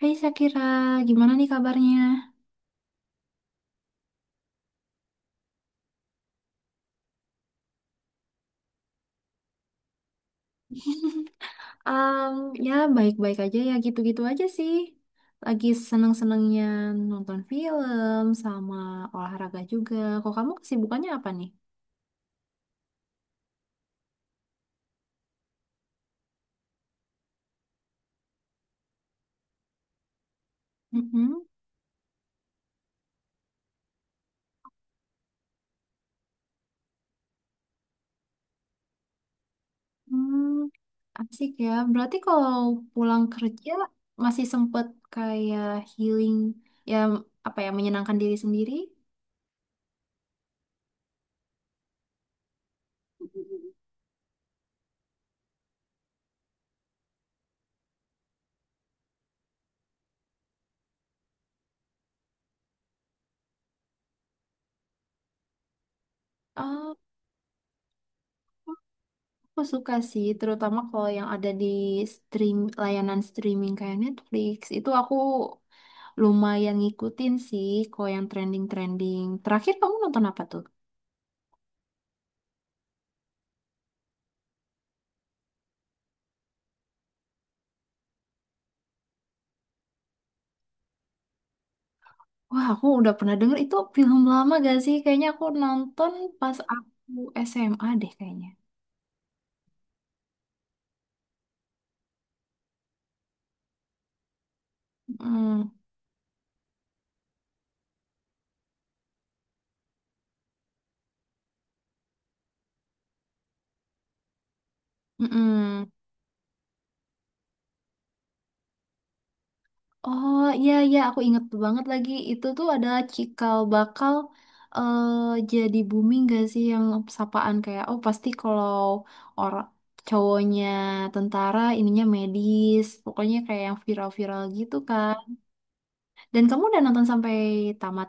Hai Sakira, gimana nih kabarnya? Em, Ya baik-baik aja, ya gitu-gitu aja sih. Lagi seneng-senengnya nonton film sama olahraga juga. Kok kamu kesibukannya apa nih? Mhm. Hmm, asik ya. Berarti kalau pulang kerja masih sempet kayak healing, ya apa ya menyenangkan diri sendiri? Eh, aku suka sih, terutama kalau yang ada di stream layanan streaming kayak Netflix, itu aku lumayan ngikutin sih kalau yang trending-trending. Terakhir kamu nonton apa tuh? Wah, aku udah pernah denger, itu film lama gak sih? Kayaknya aku nonton pas aku SMA deh kayaknya. Mm, mm-mm. Oh iya iya, aku inget banget lagi. Itu tuh ada cikal bakal eh jadi booming gak sih, yang sapaan kayak oh pasti kalau orang cowoknya tentara ininya medis. Pokoknya kayak yang viral-viral gitu kan. Dan kamu udah nonton sampai tamat?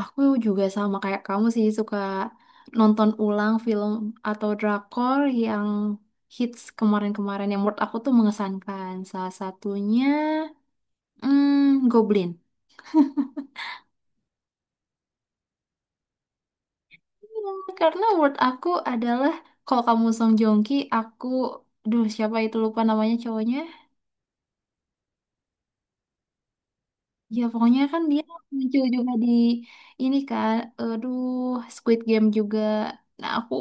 Aku juga sama kayak kamu sih, suka nonton ulang film atau drakor yang hits kemarin-kemarin yang menurut aku tuh mengesankan. Salah satunya Goblin. Iya, karena menurut aku adalah kalau kamu Song Joong Ki, aku duh siapa itu lupa namanya cowoknya. Ya pokoknya kan dia muncul juga di ini kan, aduh, Squid Game juga. Nah aku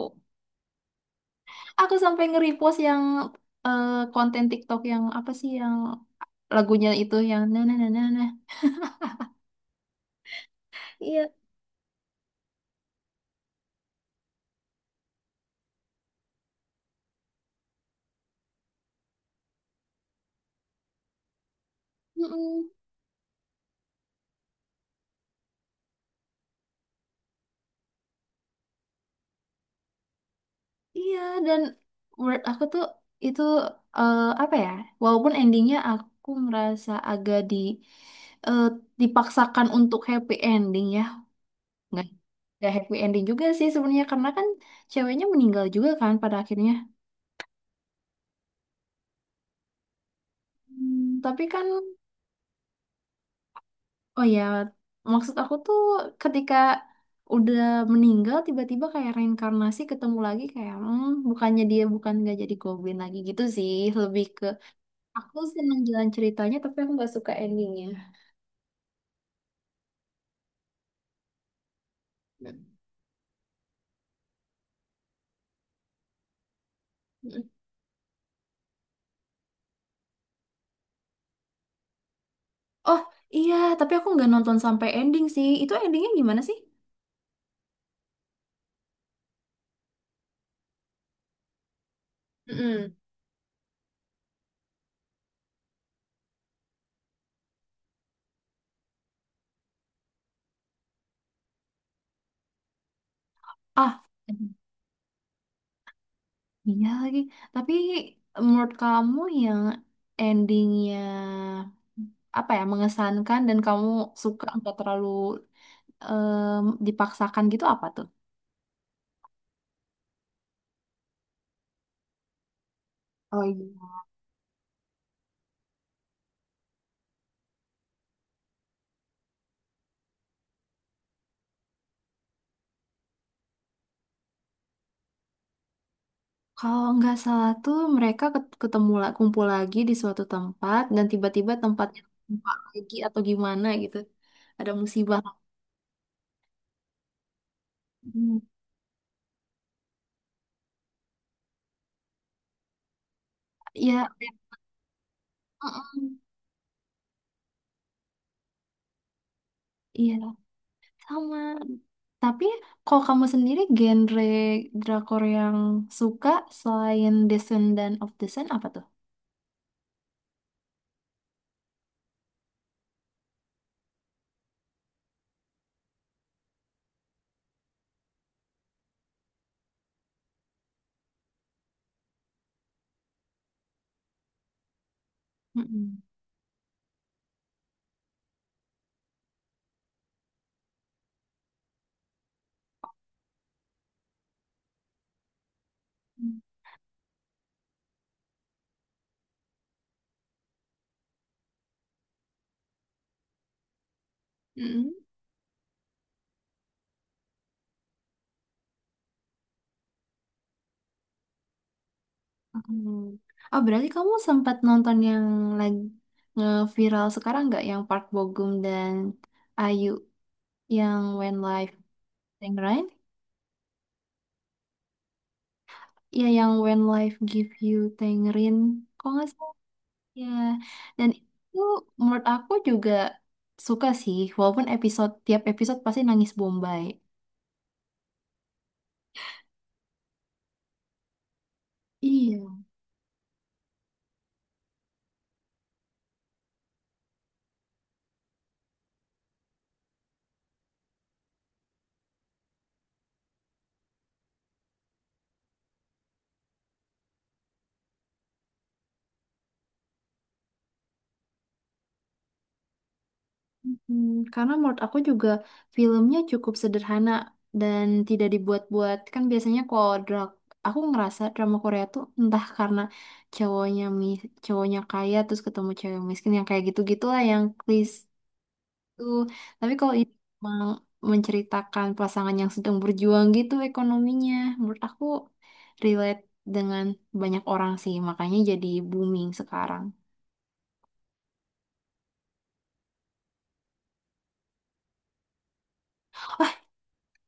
Aku sampai nge-repost yang konten TikTok yang apa sih, yang lagunya itu yang nah nah nah nah nah. Iya, mm-mm. Iya, dan menurut aku tuh itu apa ya? Walaupun endingnya aku ngerasa agak eh, dipaksakan untuk happy ending ya. Nggak, nggak happy ending juga sih sebenarnya, karena kan ceweknya meninggal juga kan pada akhirnya. Hmm, tapi kan. Oh ya, maksud aku tuh ketika udah meninggal tiba-tiba kayak reinkarnasi ketemu lagi, kayak bukannya dia bukan nggak jadi goblin lagi gitu sih, lebih ke aku seneng jalan ceritanya tapi aku nggak suka endingnya. Mm. Oh iya, tapi aku nggak nonton sampai ending sih. Itu endingnya gimana sih? Mm-mm. Ah, iya lagi. Tapi menurut kamu yang endingnya apa ya mengesankan, dan kamu suka nggak terlalu em, dipaksakan gitu apa tuh? Oh iya. Kalau nggak salah tuh mereka ketemu kumpul lagi di suatu tempat dan tiba-tiba tempatnya tempat lagi atau gimana gitu. Ada musibah. Hmm. Ya, mm-mm. Iya sama. Tapi kalau kamu sendiri genre drakor yang suka selain Descendant of the Sun apa tuh? Mm-mm. Mm-mm. Hmm. Oh, berarti kamu sempat nonton yang lagi viral sekarang nggak? Yang Park Bo Gum dan Ayu, yang When Life Tangerine? Iya, yang When Life Give You Tangerine. Kok nggak salah ya? Dan itu menurut aku juga suka sih, walaupun episode, tiap episode pasti nangis Bombay. Iya. Hmm, karena menurut aku juga filmnya cukup sederhana dan tidak dibuat-buat. Kan biasanya kalau aku ngerasa drama Korea tuh entah karena cowoknya mi cowoknya kaya terus ketemu cewek miskin yang kayak gitu gitulah yang klise tuh. Tapi kalau ini emang menceritakan pasangan yang sedang berjuang gitu ekonominya, menurut aku relate dengan banyak orang sih, makanya jadi booming sekarang.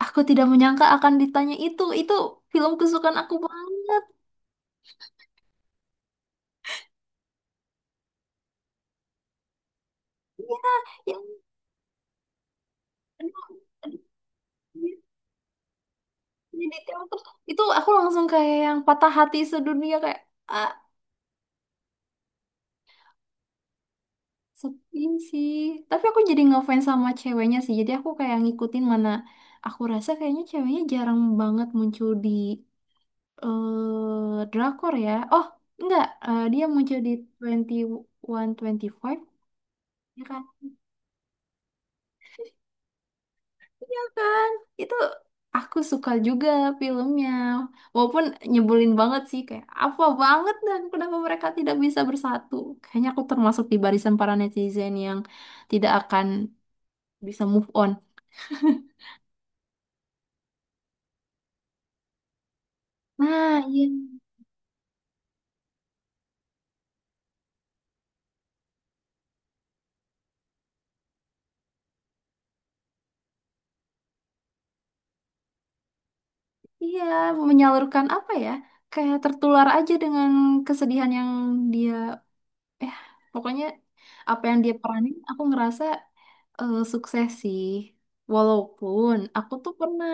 Aku tidak menyangka akan ditanya itu. Itu film kesukaan aku banget. Iya, yang jadi teater terus itu aku langsung kayak yang patah hati sedunia, kayak ah sepi sih, tapi aku jadi ngefans sama ceweknya sih, jadi aku kayak ngikutin mana aku rasa kayaknya ceweknya jarang banget muncul di drakor ya, oh enggak, dia muncul di 2125 ya kan? Kan, itu aku suka juga filmnya. Walaupun nyebelin banget sih kayak apa banget, dan kenapa mereka tidak bisa bersatu. Kayaknya aku termasuk di barisan para netizen yang tidak akan bisa move on. Nah, iya. Iya, menyalurkan apa ya? Kayak tertular aja dengan kesedihan yang dia eh pokoknya apa yang dia peranin aku ngerasa sukses sih, walaupun aku tuh pernah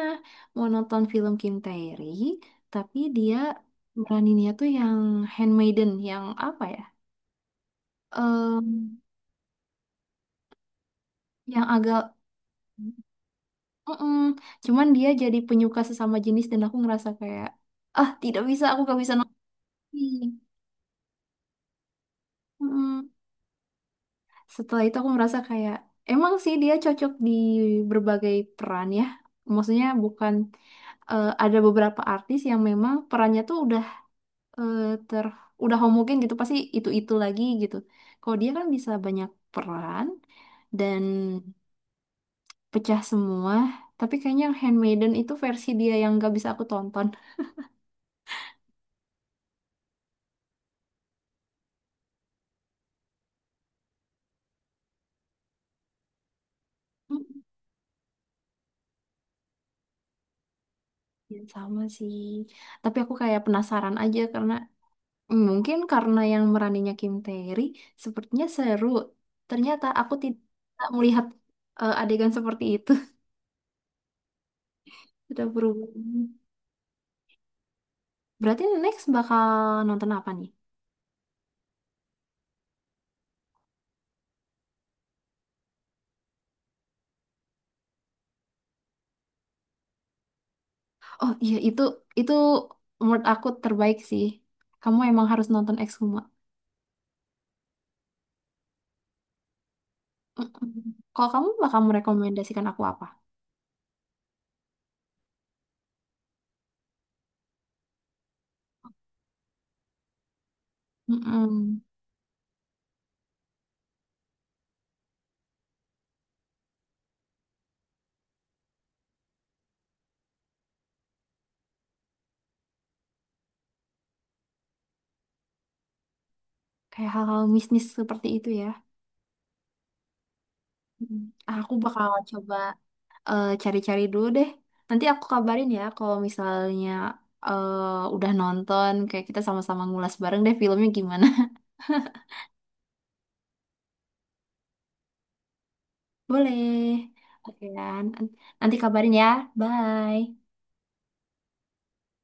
mau nonton film Kim Tae-ri tapi dia meraninnya tuh yang handmaiden yang apa ya, Em, yang agak mm cuman dia jadi penyuka sesama jenis dan aku ngerasa kayak ah tidak bisa, aku gak bisa nonton. Mm. Setelah itu aku merasa kayak emang sih dia cocok di berbagai peran ya. Maksudnya bukan ada beberapa artis yang memang perannya tuh udah eh, ter udah homogen gitu pasti itu-itu lagi gitu. Kalau dia kan bisa banyak peran dan pecah semua, tapi kayaknya Handmaiden itu versi dia yang gak bisa aku tonton. Hmm. Ya, sama sih. Tapi aku kayak penasaran aja karena mungkin yang meraninya Kim Tae-ri sepertinya seru. Ternyata aku tidak melihat adegan seperti itu. Sudah berubah. Berarti next bakal nonton apa nih? Oh iya, itu menurut aku terbaik sih. Kamu emang harus nonton Exhuma. Mm-mm. Kalau kamu bakal merekomendasikan aku apa? Mm-mm. Kayak hal-hal bisnis seperti itu ya. Mm. Aku bakal coba cari-cari dulu deh. Nanti aku kabarin ya kalau misalnya udah nonton, kayak kita sama-sama ngulas bareng deh filmnya gimana. Boleh. Oke, Dan. Nanti kabarin ya. Bye.